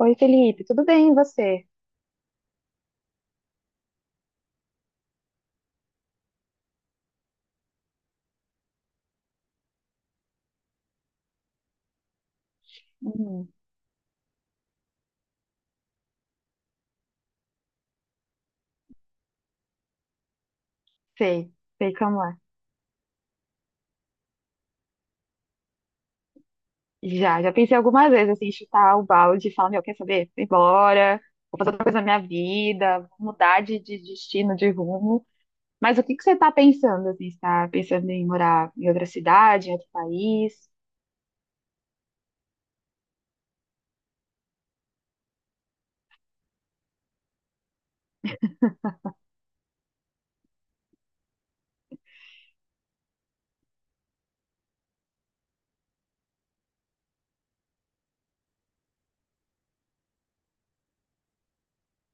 Oi, Felipe, tudo bem e você? Hum, sei, sei como é. Já pensei algumas vezes assim, em chutar o balde e falar, meu, quer saber? Vou embora, vou fazer outra coisa na minha vida, vou mudar de destino, de rumo. Mas o que que você está pensando, assim? Você tá pensando em morar em outra cidade, em outro país?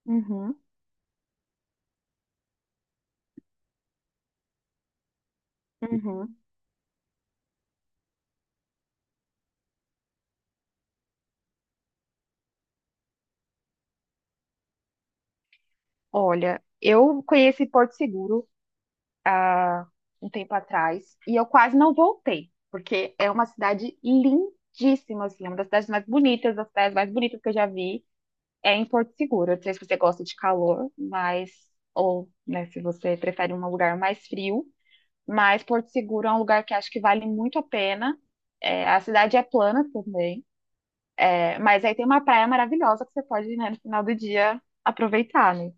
Uhum, uhum. Olha, eu conheci Porto Seguro, ah, um tempo atrás e eu quase não voltei, porque é uma cidade lindíssima, assim, é uma das cidades mais bonitas, das praias mais bonitas que eu já vi. É em Porto Seguro. Eu não sei se você gosta de calor, mas ou, né, se você prefere um lugar mais frio, mas Porto Seguro é um lugar que acho que vale muito a pena. É, a cidade é plana também, é, mas aí tem uma praia maravilhosa que você pode, né, no final do dia aproveitar, né?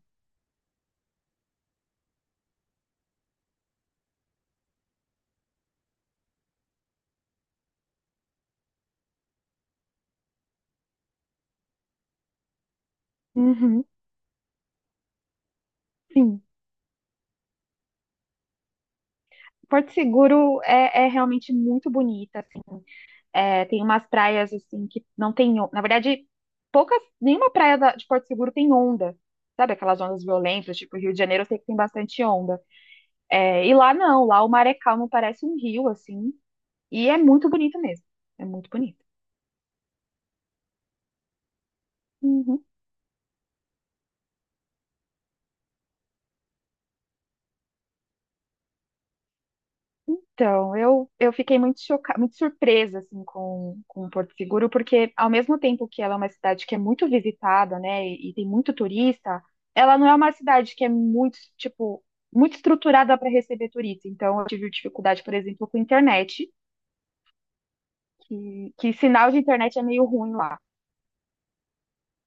Uhum, sim. Porto Seguro é realmente muito bonita, assim. É, tem umas praias assim que não tem, na verdade, poucas, nenhuma praia de Porto Seguro tem onda. Sabe aquelas ondas violentas, tipo Rio de Janeiro, eu sei que tem bastante onda. É, e lá não, lá o mar é calmo, parece um rio assim, e é muito bonito mesmo. É muito bonito. Uhum. Então, eu fiquei muito chocada, muito surpresa assim com Porto Seguro, porque ao mesmo tempo que ela é uma cidade que é muito visitada, né, e tem muito turista, ela não é uma cidade que é muito, tipo, muito estruturada para receber turista. Então, eu tive dificuldade, por exemplo, com internet, que sinal de internet é meio ruim lá,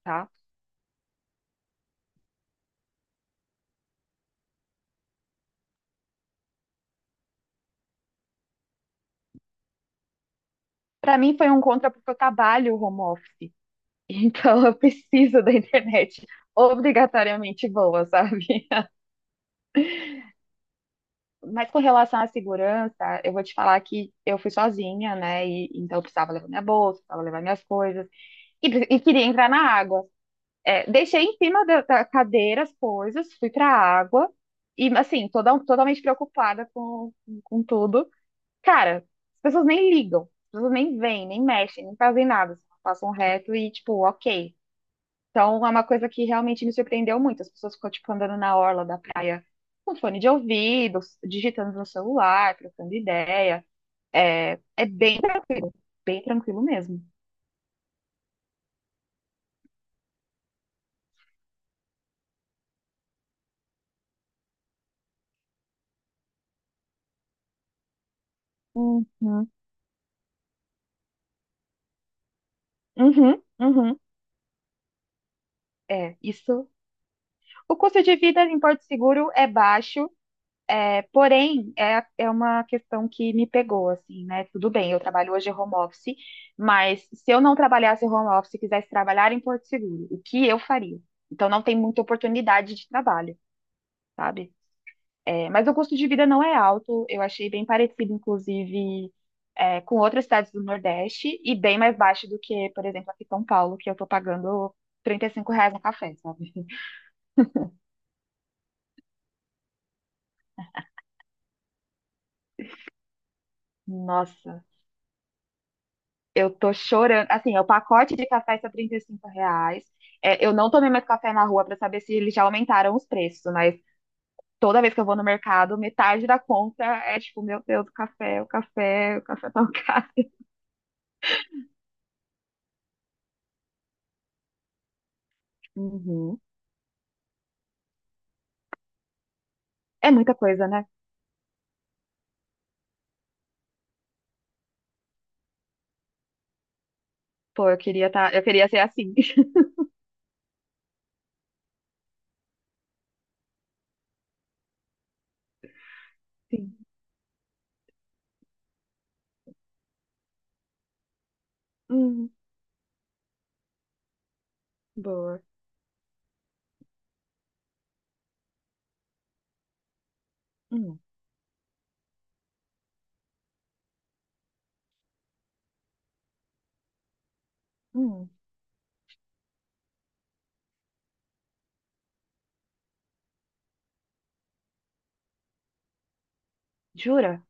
tá? Para mim foi um contra porque eu trabalho home office. Então, eu preciso da internet obrigatoriamente boa, sabe? Mas com relação à segurança, eu vou te falar que eu fui sozinha, né? E, então eu precisava levar minha bolsa, precisava levar minhas coisas. E, e queria entrar na água. É, deixei em cima da, da cadeira as coisas, fui pra água. E assim, toda, totalmente preocupada com tudo. Cara, as pessoas nem ligam. As pessoas nem vêm, nem mexem, nem fazem nada. Só passam reto e tipo, ok. Então, é uma coisa que realmente me surpreendeu muito. As pessoas ficam, tipo, andando na orla da praia com fone de ouvido, digitando no celular, trocando ideia. É, é bem, bem tranquilo mesmo. Uhum, uhum, uhum. É, isso. O custo de vida em Porto Seguro é baixo, é, porém, é uma questão que me pegou, assim, né? Tudo bem, eu trabalho hoje home office, mas se eu não trabalhasse home office e quisesse trabalhar em Porto Seguro, o que eu faria? Então, não tem muita oportunidade de trabalho, sabe? É, mas o custo de vida não é alto, eu achei bem parecido, inclusive, é, com outras cidades do Nordeste e bem mais baixo do que, por exemplo, aqui em São Paulo, que eu tô pagando R$ 35 no café, sabe? Nossa, eu tô chorando. Assim, é o pacote de café está R$ 35. É, eu não tomei mais café na rua pra saber se eles já aumentaram os preços, mas toda vez que eu vou no mercado, metade da conta é tipo, meu Deus, o café, o café, o café tá caro. Uhum. É muita coisa, né? Pô, eu queria tá, eu queria ser assim. Hum, boa. Hum, hum. Jura?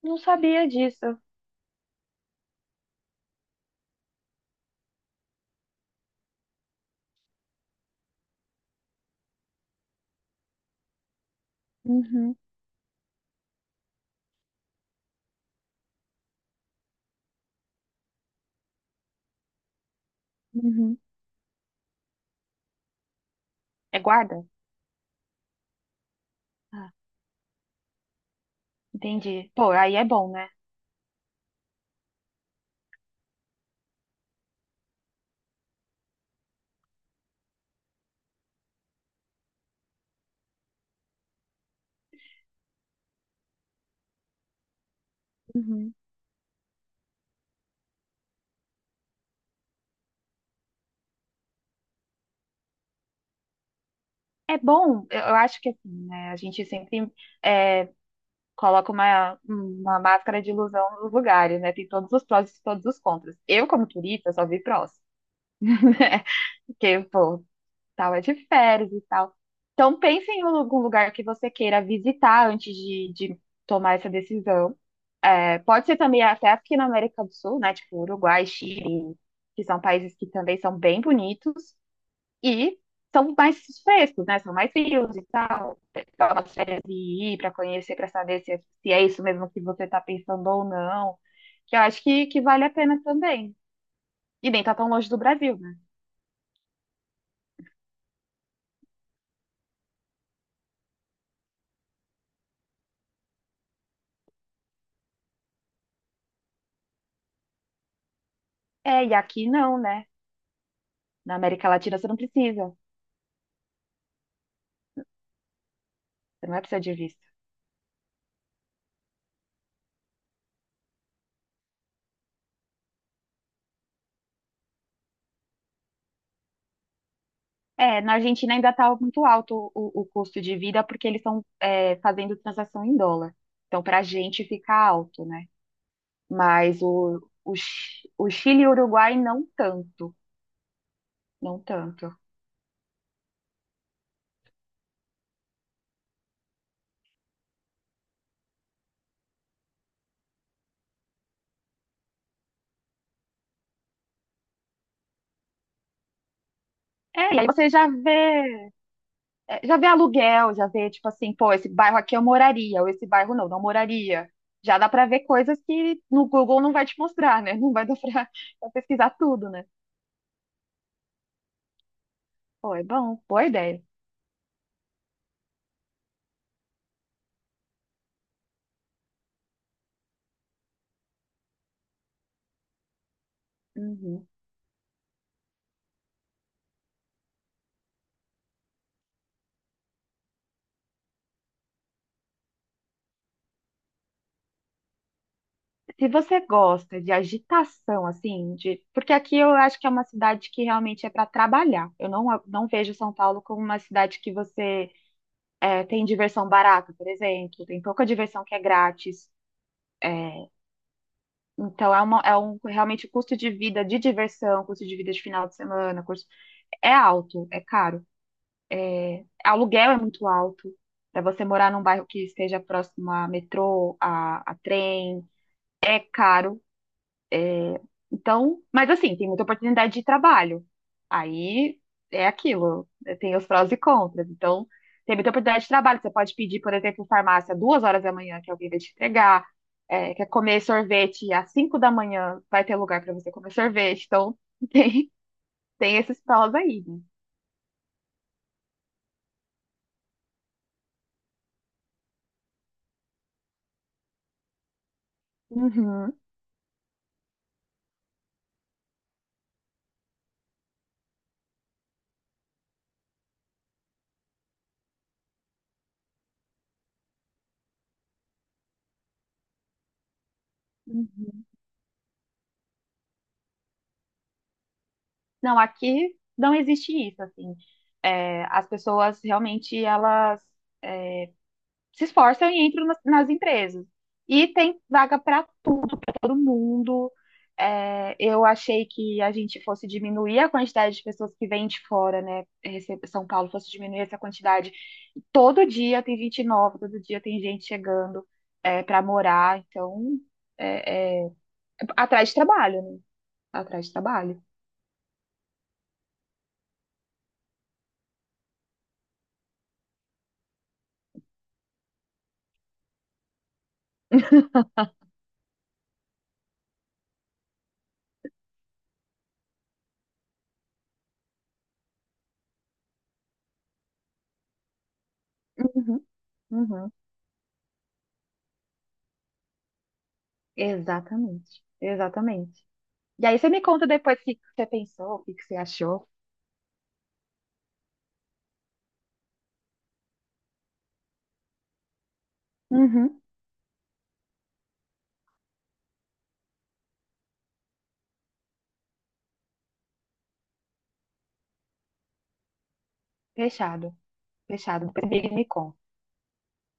Não sabia disso. Uhum, uhum. É guarda? Ah, entendi. Pô, aí é bom, né? Uhum. É bom, eu acho que assim, né? A gente sempre é, coloca uma máscara de ilusão nos lugares, né? Tem todos os prós e todos os contras. Eu, como turista, só vi prós, né? Porque, pô, tava de férias e tal. Então, pense em algum lugar que você queira visitar antes de tomar essa decisão. É, pode ser também até aqui na América do Sul, né? Tipo Uruguai, Chile, que são países que também são bem bonitos e são mais frescos, né? São mais frios e tal. Pegar umas férias e ir para conhecer, para saber se é, se é isso mesmo que você está pensando ou não. Que eu acho que vale a pena também. E nem tá tão longe do Brasil, né? É, e aqui não, né? Na América Latina você não precisa. Você não vai precisar de visto. É, na Argentina ainda está muito alto o custo de vida porque eles estão é, fazendo transação em dólar. Então, para a gente fica alto, né? Mas o, o Chile e o Uruguai não tanto, não tanto. É, e aí você já vê, é, já vê aluguel, já vê, tipo assim, pô, esse bairro aqui eu moraria, ou esse bairro não, não moraria. Já dá para ver coisas que no Google não vai te mostrar, né? Não vai dar para pesquisar tudo, né? Pô, é bom, boa ideia. Uhum. Se você gosta de agitação, assim, de porque aqui eu acho que é uma cidade que realmente é para trabalhar. Eu não, não vejo São Paulo como uma cidade que você é, tem diversão barata, por exemplo. Tem pouca diversão que é grátis. É, então é, uma, é um realmente o custo de vida de diversão, custo de vida de final de semana, custo, é alto, é caro. Aluguel é muito alto. Para você morar num bairro que esteja próximo a metrô, a trem, é caro. Então, mas assim, tem muita oportunidade de trabalho. Aí é aquilo, né, tem os prós e contras. Então, tem muita oportunidade de trabalho. Você pode pedir, por exemplo, farmácia 2 horas da manhã que alguém vai te entregar. É, quer comer sorvete às 5 da manhã, vai ter lugar para você comer sorvete. Então, tem, tem esses prós aí. Né? Uhum, uhum. Não, aqui não existe isso, assim. É, as pessoas realmente, elas se esforçam e entram nas, nas empresas. E tem vaga para tudo, para todo mundo. É, eu achei que a gente fosse diminuir a quantidade de pessoas que vêm de fora, né? São Paulo fosse diminuir essa quantidade. Todo dia tem gente nova, todo dia tem gente chegando é, para morar. Então, é, é, atrás de trabalho, né? Atrás de trabalho. Uhum, uhum. Exatamente, exatamente. E aí você me conta depois o que que você pensou, o que que você achou. Uhum, fechado. Fechado, depois ele me conta.